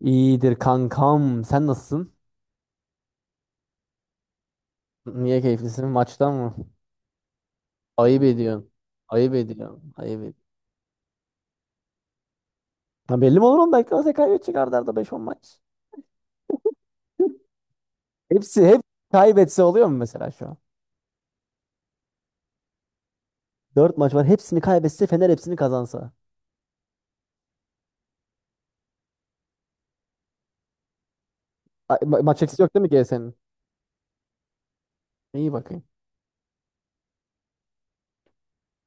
İyidir kankam. Sen nasılsın? Niye keyiflisin? Maçtan mı? Ayıp ediyorsun. Ayıp ediyorsun. Ayıp ediyorsun. Ha belli mi olur 10 dakika? Sen kaybet çıkardı arada beş on maç. Hepsi hep kaybetse oluyor mu mesela şu an? 4 maç var. Hepsini kaybetse Fener hepsini kazansa. Ay, maç eksisi yok değil mi GS'nin? İyi bakayım.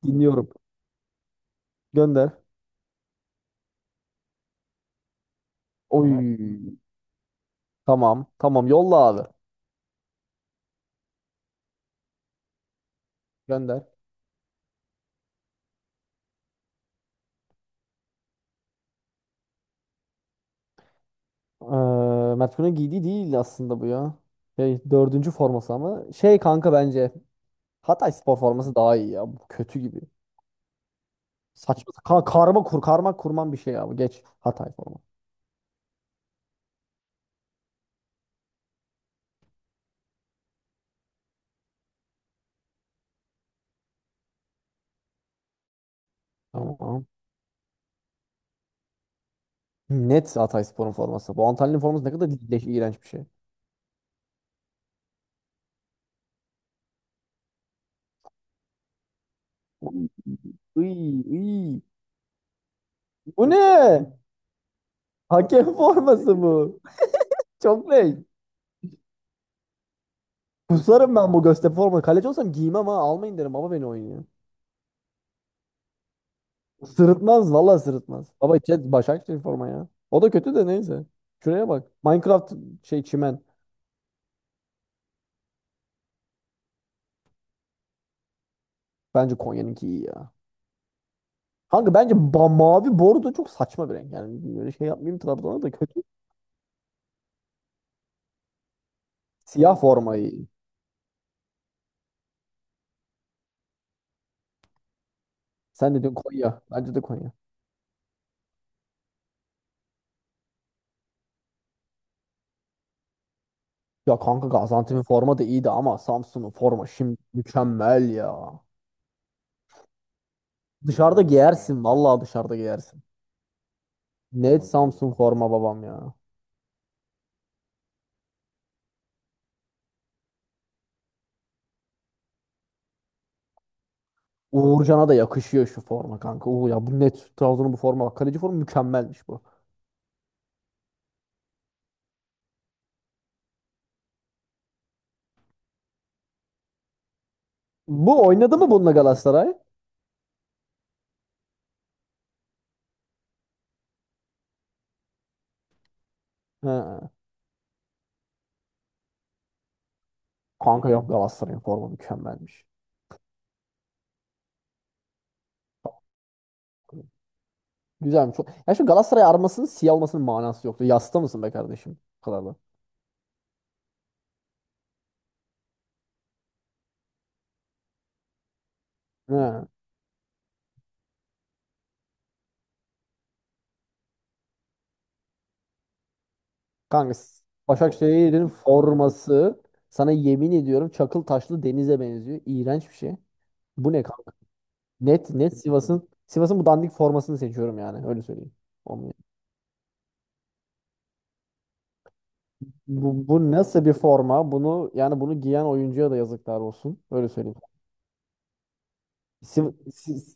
Dinliyorum. Gönder. Oy. Tamam. Tamam. Yolla abi. Gönder. Mert Günok'un giydiği değil aslında bu ya. Dördüncü forması ama. Şey kanka bence. Hatayspor forması daha iyi ya. Bu kötü gibi. Saçma sapan. Karma kurman bir şey ya. Bu geç. Hatay forması. Tamam. Net Hatayspor'un forması. Bu Antalya'nın forması ne kadar leş, iğrenç bir şey. Iy, iy. Bu ne? Hakem forması bu. Çok leş. Kusarım ben bu Göztepe forması. Kaleci olsam giymem ha. Almayın derim. Baba beni oynuyor. Sırıtmaz. Vallahi sırıtmaz. Baba chat Başakşehir forma ya. O da kötü de neyse. Şuraya bak. Minecraft şey çimen. Bence Konya'nınki iyi ya. Kanka bence mavi bordo çok saçma bir renk. Yani böyle şey yapmayayım Trabzon'a da kötü. Siyah formayı. Sen dedin Konya. Bence de Konya. Ya kanka Gaziantep'in forma da iyiydi ama Samsun'un forma şimdi mükemmel ya. Dışarıda giyersin. Vallahi dışarıda giyersin. Net Samsun forma babam ya. Uğurcan'a da yakışıyor şu forma kanka. Uğur ya bu net Trabzon'un bu forma. Bak, kaleci forma mükemmelmiş bu. Bu oynadı mı bununla Galatasaray? He. Kanka yok Galatasaray'ın forma mükemmelmiş. Güzelmiş. Ya şu Galatasaray armasının siyah olmasının manası yoktu. Yasta mısın be kardeşim? Bu kadar da. He. Kanka s- Başakşehir'in forması sana yemin ediyorum çakıl taşlı denize benziyor. İğrenç bir şey. Bu ne kanka? Net net Sivas'ın bu dandik formasını seçiyorum yani öyle söyleyeyim. Olmuyor. Bu nasıl bir forma? Bunu yani bunu giyen oyuncuya da yazıklar olsun. Öyle söyleyeyim. Siv- Siv-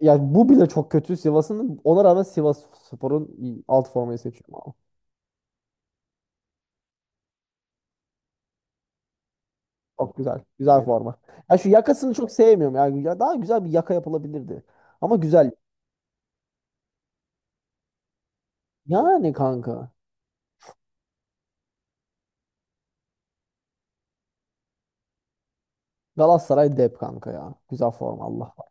ya bu bile çok kötü Sivas'ın. Ona rağmen Sivas Spor'un alt formayı seçiyorum. Çok güzel. Güzel. Evet, forma. Ya şu yakasını çok sevmiyorum. Yani ya daha güzel bir yaka yapılabilirdi. Ama güzel. Yani kanka. Galatasaray dep kanka ya. Güzel forma Allah var.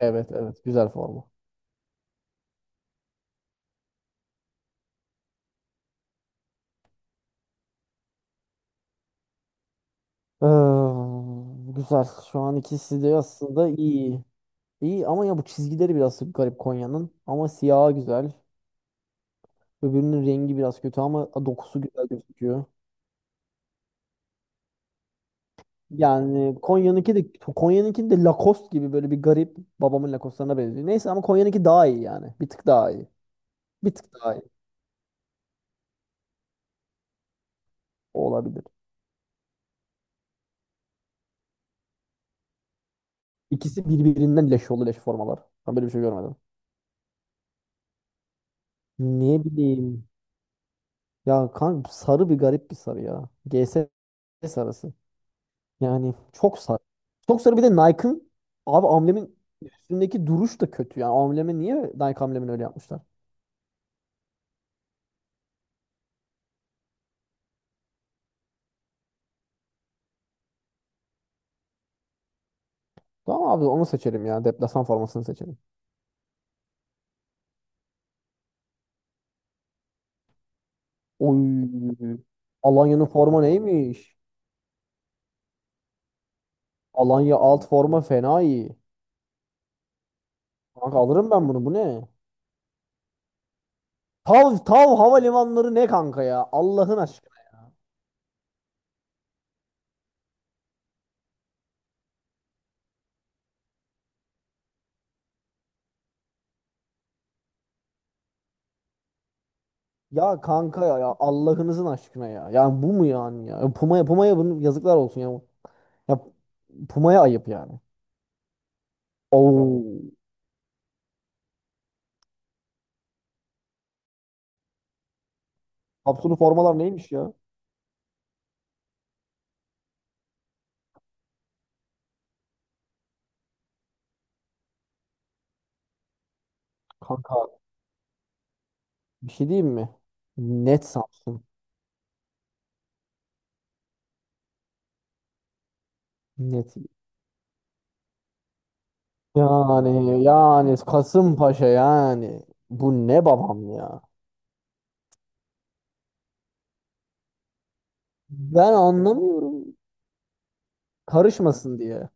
Evet evet güzel forma. Güzel. Şu an ikisi de aslında iyi. İyi ama ya bu çizgileri biraz garip Konya'nın. Ama siyahı güzel. Öbürünün rengi biraz kötü ama dokusu güzel gözüküyor. Yani Konya'nınki de Lacoste gibi böyle bir garip babamın Lacoste'larına benziyor. Neyse ama Konya'nınki daha iyi yani. Bir tık daha iyi. Bir tık daha iyi. O olabilir. İkisi birbirinden leş oldu leş formalar. Ben böyle bir şey görmedim. Ne bileyim. Ya kanka sarı bir garip bir sarı ya. G S sarısı. Yani çok sarı. Çok sarı bir de Nike'ın abi amblemin üstündeki duruş da kötü. Yani amblemi niye Nike amblemini öyle yapmışlar? Tamam abi onu seçelim ya. Deplasman formasını seçelim. Oy. Alanya'nın forma neymiş? Alanya alt forma fena iyi. Kanka alırım ben bunu. Bu ne? Tav havalimanları ne kanka ya? Allah'ın aşkına. Ya kanka ya, ya Allah'ınızın aşkına ya. Yani bu mu yani ya? Puma'ya bunu yazıklar olsun ya. Ya Puma'ya ayıp yani. Oo. Samsun'un formalar neymiş ya? Kanka bir şey diyeyim mi? Net Samsun. Net. Yani yani Kasımpaşa yani. Bu ne babam ya? Ben anlamıyorum. Karışmasın diye.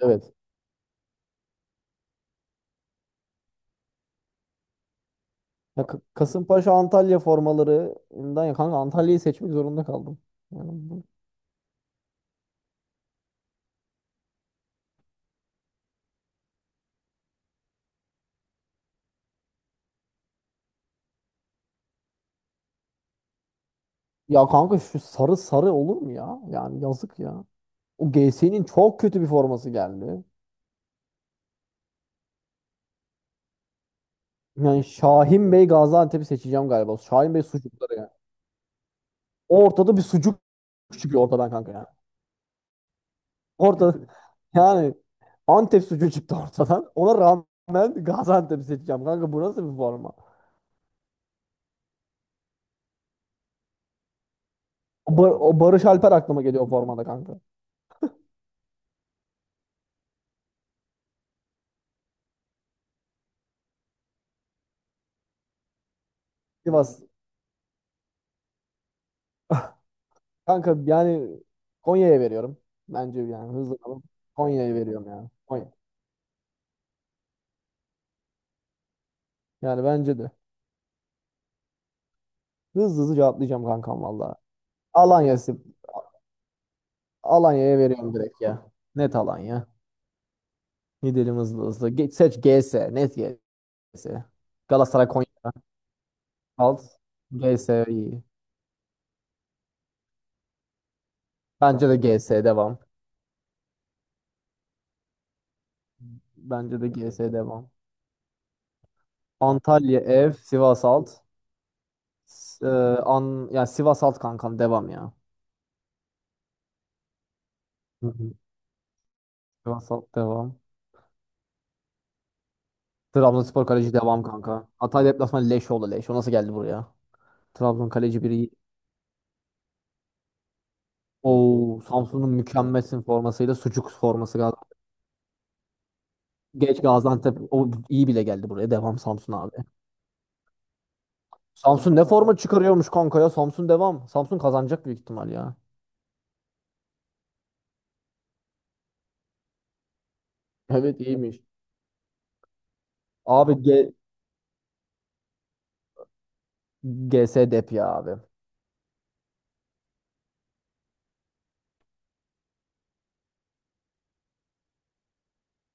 Evet. Ya Kasımpaşa Antalya formalarından ya kanka Antalya'yı seçmek zorunda kaldım. Yani ya kanka şu sarı sarı olur mu ya? Yani yazık ya. O G GS'nin çok kötü bir forması geldi. Yani Şahin Bey Gaziantep'i seçeceğim galiba. Şahin Bey sucukları yani. Ortada bir sucuk çıkıyor ortadan kanka yani. Ortada yani Antep sucuğu çıktı ortadan. Ona rağmen Gaziantep'i seçeceğim kanka. Bu nasıl bir forma? O, o Barış Alper aklıma geliyor o formada kanka. Sivas. Kanka yani Konya'ya veriyorum. Bence yani hızlı kalıp Konya'ya veriyorum yani. Konya. Yani bence de. Hızlı hızlı cevaplayacağım kankam valla. Alanya, Alanya'ya veriyorum direkt ya. Net Alanya. Gidelim hızlı hızlı. Geç, seç GS. Net GS. Galatasaray Konya alt. GS iyi. Bence de GS devam. Bence de GS devam. Antalya ev. Sivas alt. S- e, yani Sivas alt kankam devam ya. Hı hı. Sivas alt devam. Trabzonspor kaleci devam kanka. Hatay deplasmanı leş oldu leş. O nasıl geldi buraya? Trabzon kaleci biri iyi. O Samsun'un mükemmelsin formasıyla sucuk forması. Geç Gaziantep o iyi bile geldi buraya. Devam Samsun abi. Samsun ne forma çıkarıyormuş kanka ya. Samsun devam. Samsun kazanacak büyük ihtimal ya. Evet iyiymiş. Abi GS dep ya abi.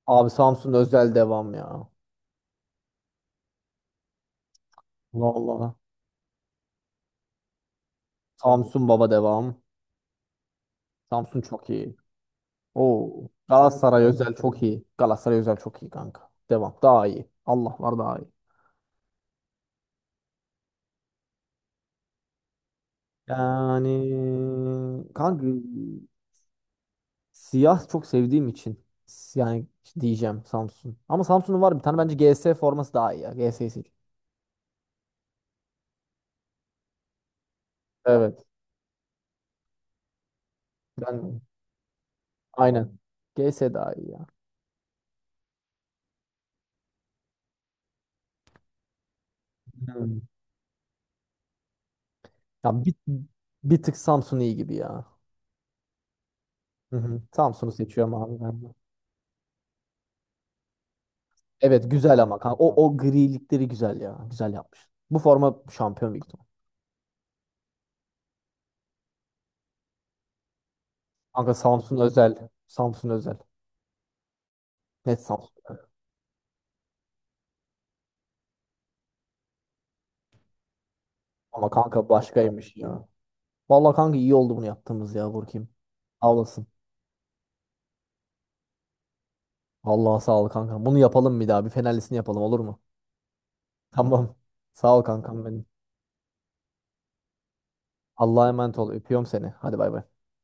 Abi Samsun özel devam ya. Vallahi. Samsun baba devam. Samsun çok iyi. Oo. Galatasaray özel çok iyi. Galatasaray özel çok iyi kanka. Devam. Daha iyi. Allah var daha iyi. Yani kanka siyah çok sevdiğim için yani diyeceğim Samsun. Ama Samsun'un var bir tane bence G S forması daha iyi ya. GS'yi seç. Evet. Ben aynen. G S daha iyi ya. Hmm. Ya bir, bir tık Samsun iyi gibi ya. Hı hı. Samsun'u seçiyorum abi ben de. Evet güzel ama kanka. O grilikleri güzel ya. Güzel yapmış. Bu forma şampiyon büyük ihtimal. Kanka Samsun özel. Samsun özel. Net Samsun. Ama kanka başkaymış ya. Vallahi kanka iyi oldu bunu yaptığımız ya Burkim. Sağ olasın. Vallahi sağ ol kankam. Bunu yapalım bir daha. Bir fenerlisini yapalım olur mu? Tamam. Sağ ol kankam benim. Allah'a emanet ol. Öpüyorum seni. Hadi bay bay.